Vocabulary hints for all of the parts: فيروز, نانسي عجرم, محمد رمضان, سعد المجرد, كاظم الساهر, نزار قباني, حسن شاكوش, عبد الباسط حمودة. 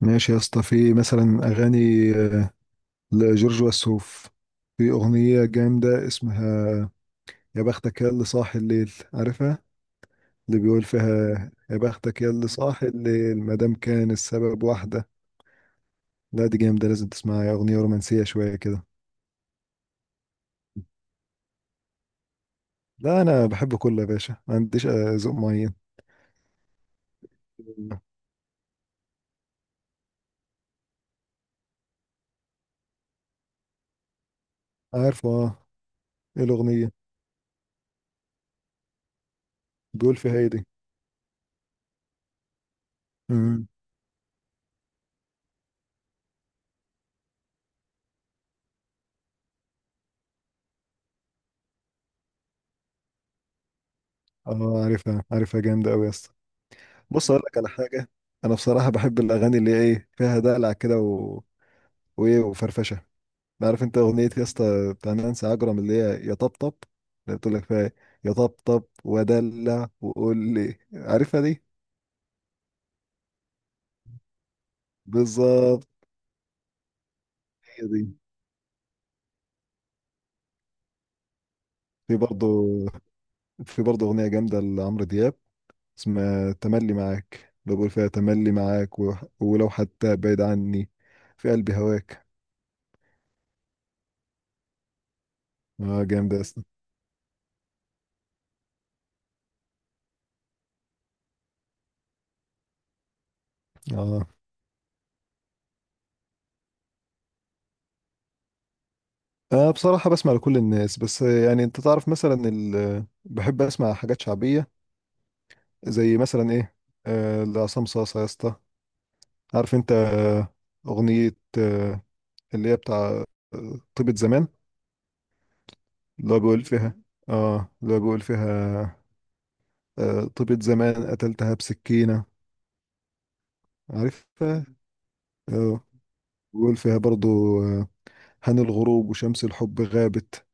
ماشي يا اسطى، في مثلا اغاني لجورج وسوف. في اغنيه جامده اسمها يا بختك يا اللي صاحي الليل، عارفها؟ اللي بيقول فيها يا بختك يا اللي صاحي الليل ما دام كان السبب واحده. لا دي جامده، لازم تسمعها، يا اغنيه رومانسيه شويه كده. لا انا بحب كله يا باشا، ما عنديش ذوق معين. عارفه اه. ايه الاغنيه؟ بيقول فيها ايه دي؟ مم. اه، عارفها عارفها، جامده قوي يا اسطى. بص اقول لك على حاجه. انا بصراحه بحب الاغاني اللي هي ايه، فيها دلع كده، وايه وفرفشه. عارف انت اغنيه يا اسطى بتاع نانسي عجرم اللي هي يا طبطب. اللي بتقول لك فيها إيه؟ يا طبطب ودلع، وقول لي عارفها دي. بالظبط. هي دي. في برضه في برضه اغنيه جامده لعمرو دياب، اسمها تملي معاك، اللي بقول فيها تملي معاك ولو حتى بعيد عني، في قلبي هواك. اه جامده يا اسطى. اه، أنا بصراحة بسمع لكل الناس، بس يعني أنت تعرف مثلا بحب أسمع حاجات شعبية، زي مثلا ايه. لعصام صاصا يا اسطى. عارف انت اغنية اللي هي بتاع طيبة زمان، اللي هو بيقول فيها اه اللي هو بيقول فيها طيبة زمان قتلتها بسكينة. عارفها اه. بيقول فيها برضو آه هان الغروب وشمس الحب غابت.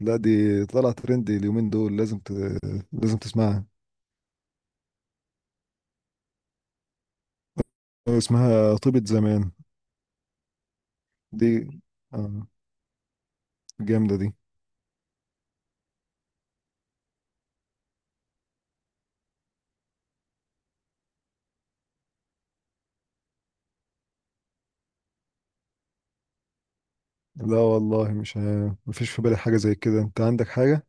لا دي طلعت ترند اليومين دول، لازم تسمعها. اسمها طيبة زمان. دي آه جامدة دي. لا والله، مش مفيش في بالي حاجة زي كده. انت عندك حاجة؟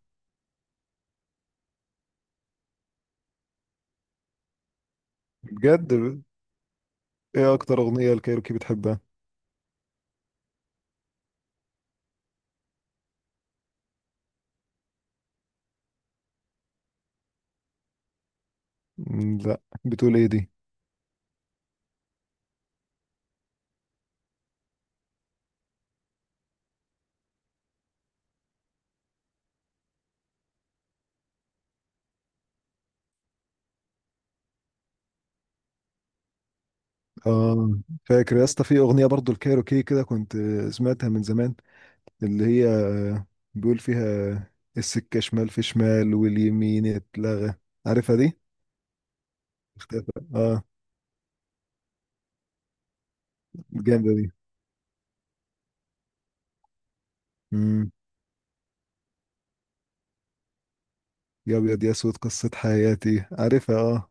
بجد ايه اكتر اغنية الكايروكي بتحبها؟ لا، بتقول ايه دي؟ اه، فاكر يا اسطى في اغنية برضو الكايروكي كده، كنت سمعتها من زمان، اللي هي بيقول فيها السكة شمال في شمال واليمين اتلغى. عارفها دي؟ اختفى اه. جامدة دي. امم. يا ابيض يا اسود قصة حياتي، عارفها اه.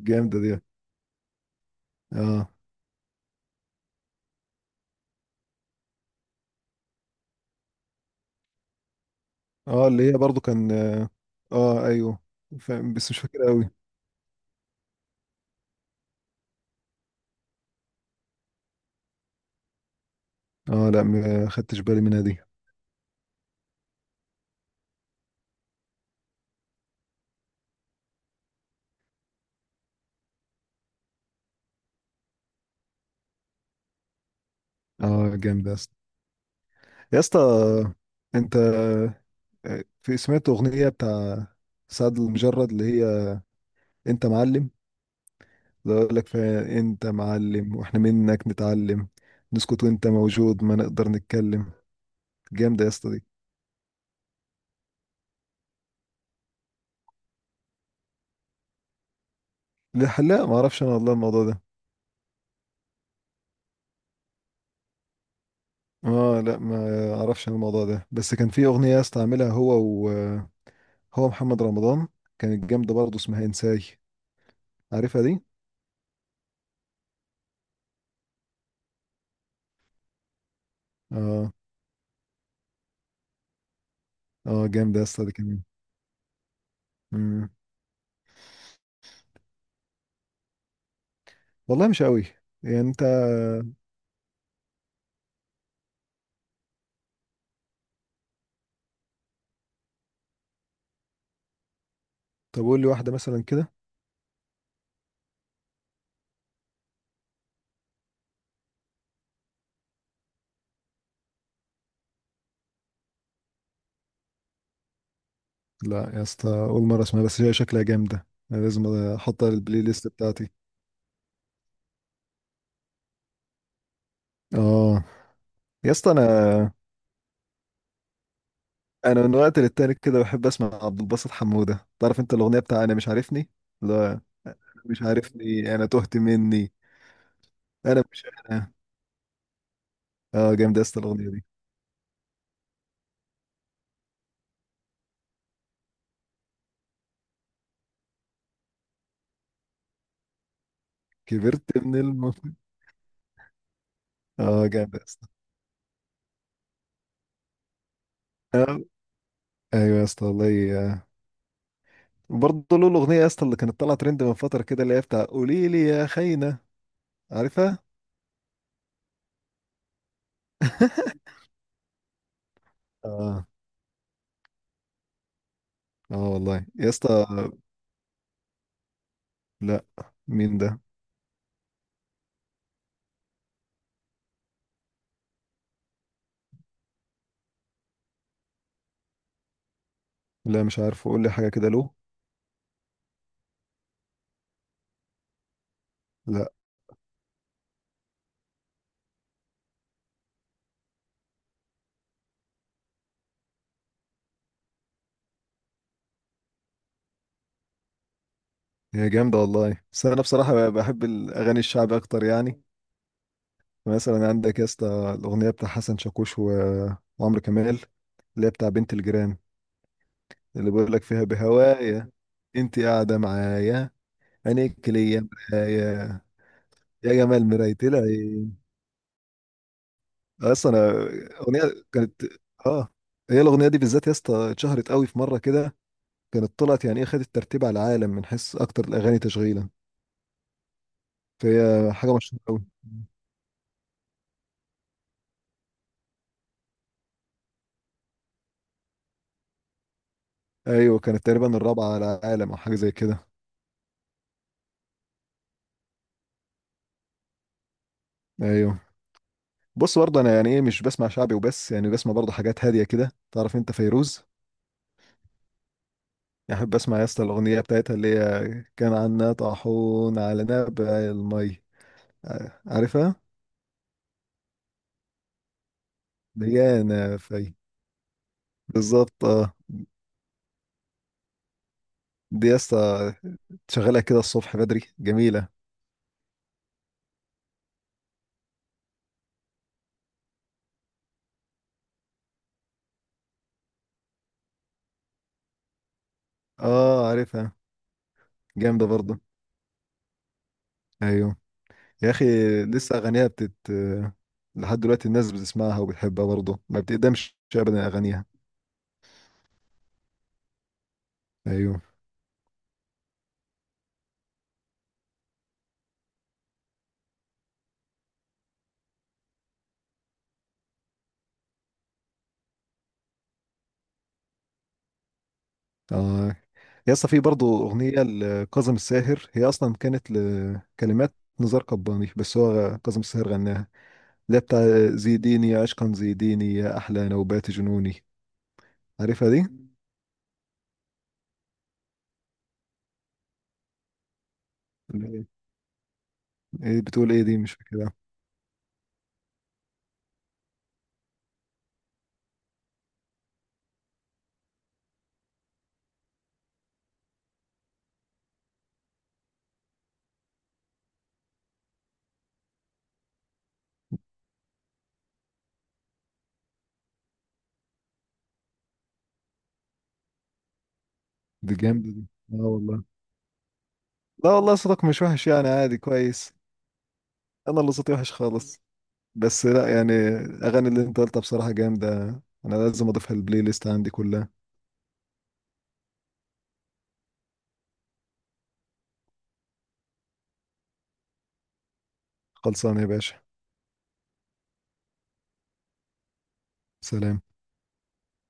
جامدة دي. اه اه، اللي هي برضو كان ايوه، فاهم بس مش فاكر قوي. اه، لا، ما خدتش بالي منها دي. اه جامد يا اسطى. يا اسطى انت في سمعت اغنيه بتاع سعد المجرد اللي هي انت معلم، اللي اقول لك فيها انت معلم واحنا منك نتعلم، نسكت وانت موجود ما نقدر نتكلم. جامده يا اسطى دي. لا لا، ما اعرفش انا والله الموضوع ده. اه، لا، ما اعرفش انا الموضوع ده، بس كان في اغنيه يا اسطى عاملها هو، هو محمد رمضان. كانت جامدة برضه، اسمها انساي. عارفها دي؟ اه اه، جامدة يا اسطى دي كمان. مم. والله مش قوي. يعني انت، طب قول لي واحدة مثلا كده. لا يا اسطى، اول مرة اسمها، بس هي شكلها جامدة، انا لازم احطها للبلاي ليست بتاعتي. اه يا اسطى انا من وقت للتاني كده بحب اسمع عبد الباسط حمودة، تعرف انت الاغنية بتاع انا مش عارفني؟ لا، أنا مش عارفني، انا تهت مني. انا مش انا. اه، جامدة يا اسطى الاغنية دي. كبرت من الم. اه جامدة يا اسطى. ايوه يا اسطى والله. برضه له الاغنيه يا اسطى اللي كانت طالعه ترند من فتره كده، اللي هي بتاع قولي لي يا خاينه. عارفها؟ اه. اه والله يا اسطى. لا، مين ده؟ لا مش عارفه، قول لي حاجه كده له. لا هي جامده والله، بس انا بصراحه بحب الاغاني الشعبي اكتر يعني. مثلا عندك يا اسطى الاغنيه بتاع حسن شاكوش وعمرو كمال، اللي هي بتاع بنت الجيران، اللي بيقول لك فيها بهوايا انت قاعده معايا، عينيك ليا مرايا، يا جمال مراية العين. اصلا انا اغنيه كانت اه هي الاغنيه دي بالذات يا اسطى اتشهرت قوي في مره كده. كانت طلعت يعني ايه، خدت ترتيب على العالم من حيث اكتر الاغاني تشغيلا، فهي حاجه مشهوره قوي. ايوه كانت تقريبا الرابعه على العالم او حاجه زي كده. ايوه، بص برضه انا يعني ايه، مش بسمع شعبي وبس، يعني بسمع برضه حاجات هاديه كده. تعرف انت فيروز؟ يعني احب اسمع يا اسطى الاغنيه بتاعتها اللي هي كان عنا طاحون على نبع المي. عارفها. ديانا في. بالظبط اه. دي يا اسطى شغالة كده الصبح بدري جميلة. اه عارفها. جامدة برضه. ايوه يا اخي، لسه اغانيها بتت، لحد دلوقتي الناس بتسمعها وبتحبها، برضه ما بتقدمش ابدا اغانيها. ايوه، اه يا اسطى، في برضه اغنية لكاظم الساهر، هي اصلا كانت لكلمات نزار قباني، بس هو كاظم الساهر غناها، اللي هي بتاع زيديني يا عشقا زيديني يا احلى نوبات جنوني. عارفها دي؟ اللي هي- ايه بتقول ايه دي؟ مش فاكرها. دي جامدة دي. اه والله، لا والله صوتك مش وحش يعني، عادي كويس. انا اللي صوتي وحش خالص. بس لا يعني، اغاني اللي انت قلتها بصراحة جامدة، انا لازم اضيفها البلاي ليست عندي كلها. خلصانة يا باشا. سلام.